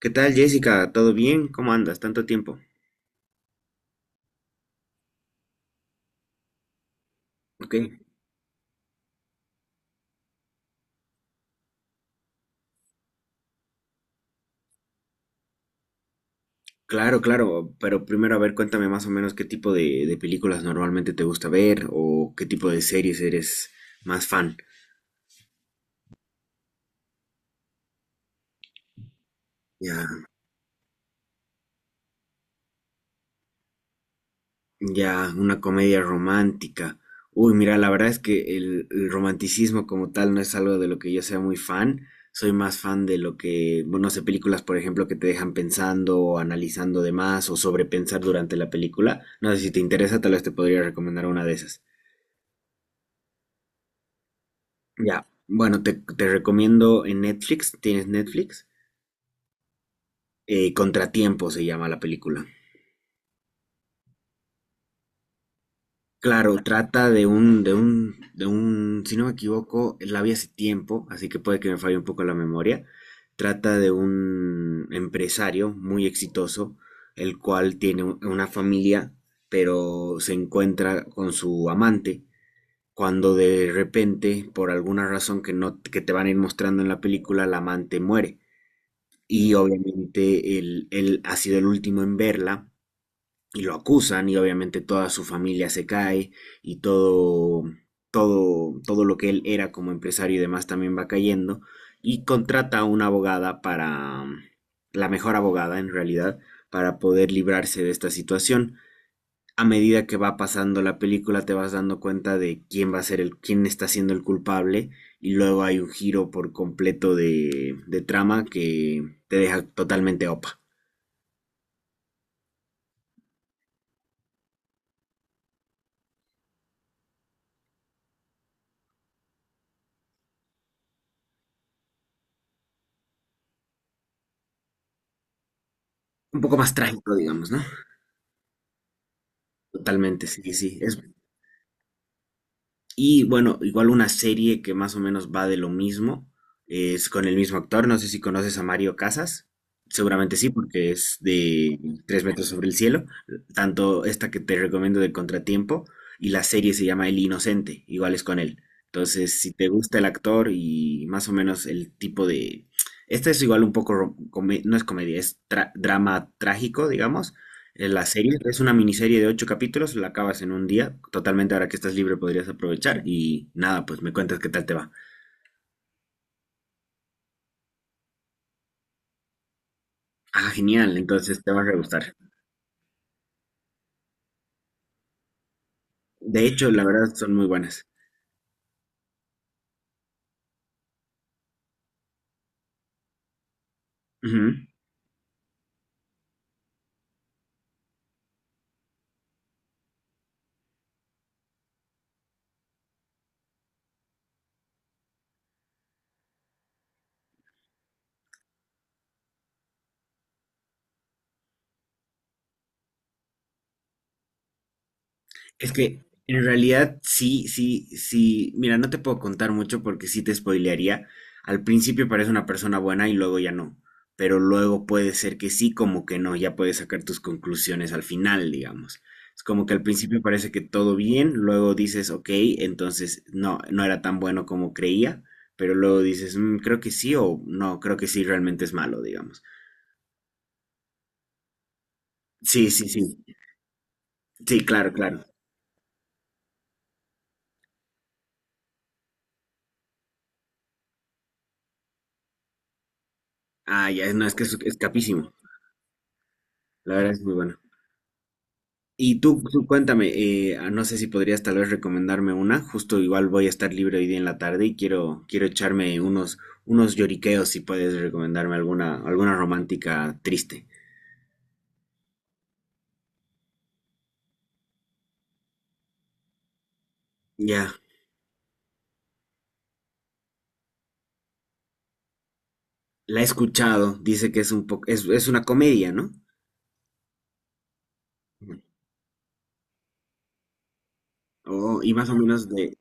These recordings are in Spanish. ¿Qué tal, Jessica? ¿Todo bien? ¿Cómo andas? Tanto tiempo. Ok, claro, claro, pero primero a ver, cuéntame más o menos qué tipo de películas normalmente te gusta ver o qué tipo de series eres más fan. Ya, ya, una comedia romántica. Uy, mira, la verdad es que el romanticismo como tal no es algo de lo que yo sea muy fan. Soy más fan de lo que, bueno, no sé, películas, por ejemplo, que te dejan pensando o analizando de más o sobrepensar durante la película. No sé si te interesa, tal vez te podría recomendar una de esas. Ya, bueno, te recomiendo en Netflix, tienes Netflix. Contratiempo se llama la película. Claro, trata de un, si no me equivoco, la vi hace tiempo, así que puede que me falle un poco la memoria. Trata de un empresario muy exitoso, el cual tiene una familia, pero se encuentra con su amante, cuando de repente, por alguna razón que no, que te van a ir mostrando en la película, la amante muere. Y obviamente él ha sido el último en verla y lo acusan, y obviamente toda su familia se cae y todo, todo, todo, lo que él era como empresario y demás también va cayendo, y contrata a una abogada, para, la mejor abogada en realidad, para poder librarse de esta situación. A medida que va pasando la película te vas dando cuenta de quién va a ser el, quién está siendo el culpable, y luego hay un giro por completo de trama que te deja totalmente opa. Un poco más trágico, digamos, ¿no? Totalmente, sí, sí. Y bueno, igual una serie que más o menos va de lo mismo, es con el mismo actor, no sé si conoces a Mario Casas, seguramente sí, porque es de Tres metros sobre el cielo. Tanto esta que te recomiendo de Contratiempo y la serie se llama El Inocente, igual es con él. Entonces, si te gusta el actor y más o menos el tipo de... Esta es igual un poco, no es comedia, es drama trágico, digamos. La serie es una miniserie de ocho capítulos, la acabas en un día, totalmente ahora que estás libre podrías aprovechar y nada, pues me cuentas qué tal te va. Ah, genial, entonces te va a re gustar. De hecho, la verdad son muy buenas. Ujú. Es que en realidad sí, sí, sí. Mira, no te puedo contar mucho porque sí te spoilearía. Al principio parece una persona buena y luego ya no. Pero luego puede ser que sí, como que no. Ya puedes sacar tus conclusiones al final, digamos. Es como que al principio parece que todo bien, luego dices, ok, entonces no, no era tan bueno como creía. Pero luego dices, "Mm, creo que sí o no, creo que sí realmente es malo, digamos. Sí, sí, sí. Sí, claro, claro. Ah, ya, no, es que es, capísimo. La verdad es muy bueno. Y tú cuéntame, ah, no sé si podrías tal vez recomendarme una, justo igual voy a estar libre hoy día en la tarde y quiero echarme unos, unos lloriqueos si puedes recomendarme alguna romántica triste. Ya, la he escuchado, dice que es un poco, es una comedia, ¿no? Oh, y más o menos de,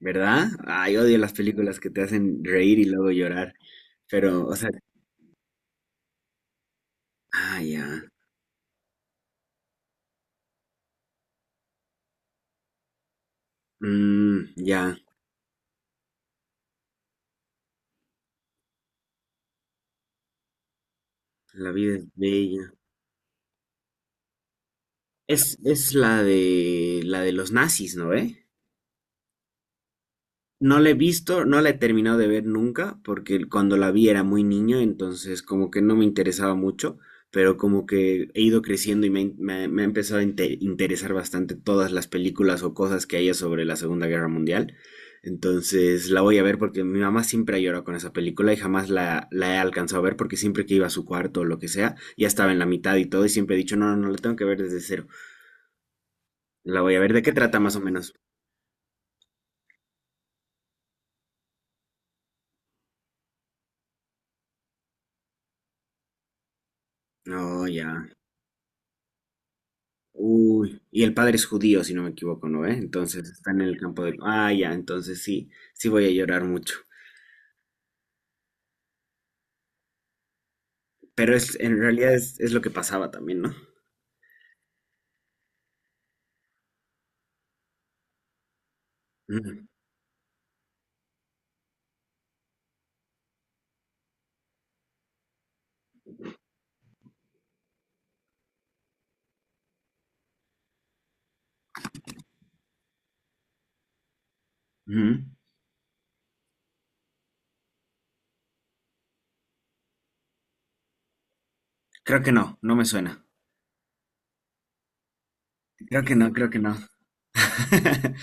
¿verdad? Ay, odio las películas que te hacen reír y luego llorar, pero, o sea, ah, ya, Mm, ya, la vida es bella. Es la de los nazis, ¿no ve? No la he visto, no la he terminado de ver nunca, porque cuando la vi era muy niño, entonces como que no me interesaba mucho, pero como que he ido creciendo y me ha empezado a interesar bastante todas las películas o cosas que haya sobre la Segunda Guerra Mundial. Entonces la voy a ver porque mi mamá siempre ha llorado con esa película y jamás la he alcanzado a ver porque siempre que iba a su cuarto o lo que sea, ya estaba en la mitad y todo, y siempre he dicho, no, no, no, la tengo que ver desde cero. La voy a ver, ¿de qué trata más o menos? Oh, ya. Uy, y el padre es judío, si no me equivoco, ¿no? ¿Eh? Entonces está en el campo de. Ah, ya, entonces sí, sí voy a llorar mucho. En realidad es lo que pasaba también, ¿no? Ujú, ujú. Creo que no, no me suena. Creo que no, creo que no.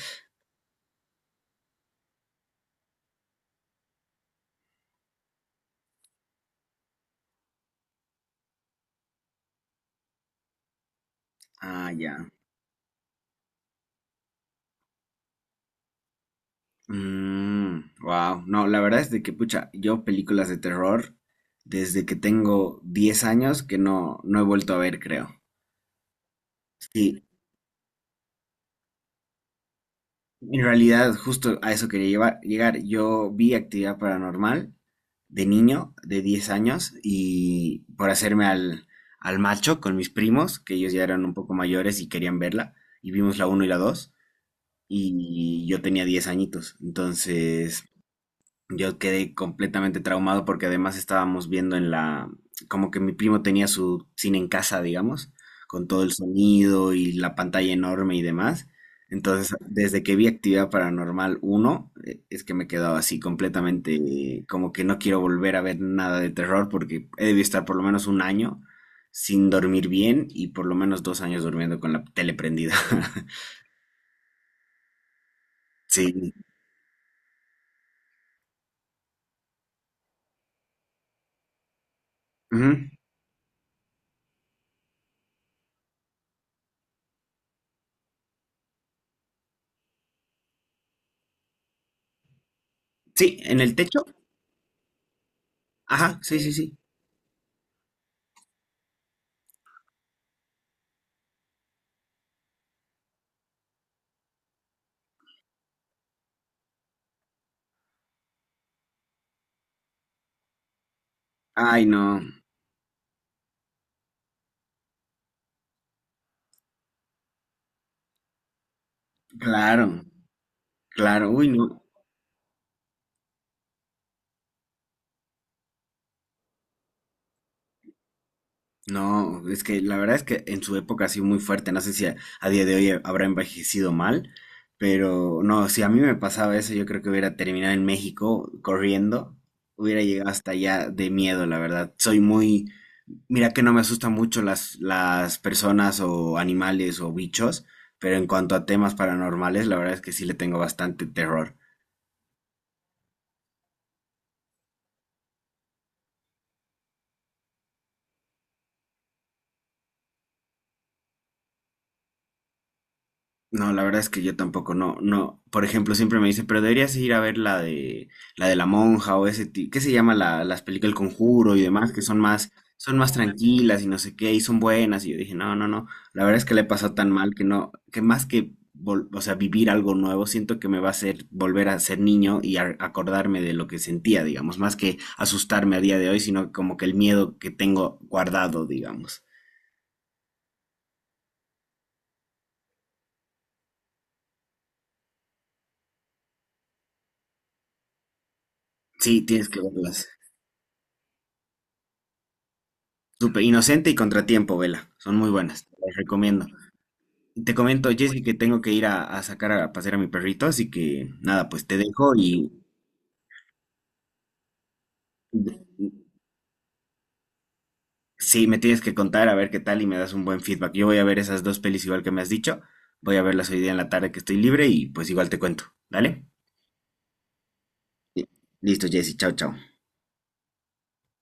Ah, ya. Wow. No, la verdad es de que, pucha, yo películas de terror desde que tengo 10 años que no, no he vuelto a ver, creo. Sí. En realidad, justo a eso quería llegar. Yo vi actividad paranormal de niño, de 10 años, y por hacerme al macho con mis primos, que ellos ya eran un poco mayores y querían verla, y vimos la uno y la dos, y yo tenía 10 añitos. Entonces, yo quedé completamente traumado porque además estábamos viendo como que mi primo tenía su cine en casa, digamos, con todo el sonido y la pantalla enorme y demás. Entonces, desde que vi Actividad Paranormal uno, es que me quedaba así completamente, como que no quiero volver a ver nada de terror, porque he debido estar por lo menos un año sin dormir bien y por lo menos 2 años durmiendo con la tele prendida. Sí. Ujú. Sí, en el techo. Ajá, sí, sí, sí. Ay, no. Claro, claro, uy, no, no, es que la verdad es que en su época ha sido muy fuerte, no sé si a día de hoy habrá envejecido mal, pero no, si a mí me pasaba eso, yo creo que hubiera terminado en México corriendo, hubiera llegado hasta allá de miedo, la verdad. Mira que no me asustan mucho las personas o animales o bichos, pero en cuanto a temas paranormales, la verdad es que sí le tengo bastante terror. No, la verdad es que yo tampoco, no, no. Por ejemplo, siempre me dice, pero deberías ir a ver la de la monja o ese tipo, ¿qué se llama las películas El Conjuro y demás, que son más tranquilas y no sé qué, y son buenas. Y yo dije, no, no, no. La verdad es que le he pasado tan mal que no, que más que o sea, vivir algo nuevo, siento que me va a hacer volver a ser niño y acordarme de lo que sentía, digamos, más que asustarme a día de hoy, sino como que el miedo que tengo guardado, digamos. Sí, tienes que verlas. Súper inocente y contratiempo, vela. Son muy buenas, te las recomiendo. Te comento, Jessy, que tengo que ir a sacar a pasear a mi perrito, así que nada, pues te dejo y sí, me tienes que contar a ver qué tal y me das un buen feedback. Yo voy a ver esas dos pelis igual que me has dicho. Voy a verlas hoy día en la tarde que estoy libre y pues igual te cuento. ¿Dale? Listo, Jessy, chao, chao.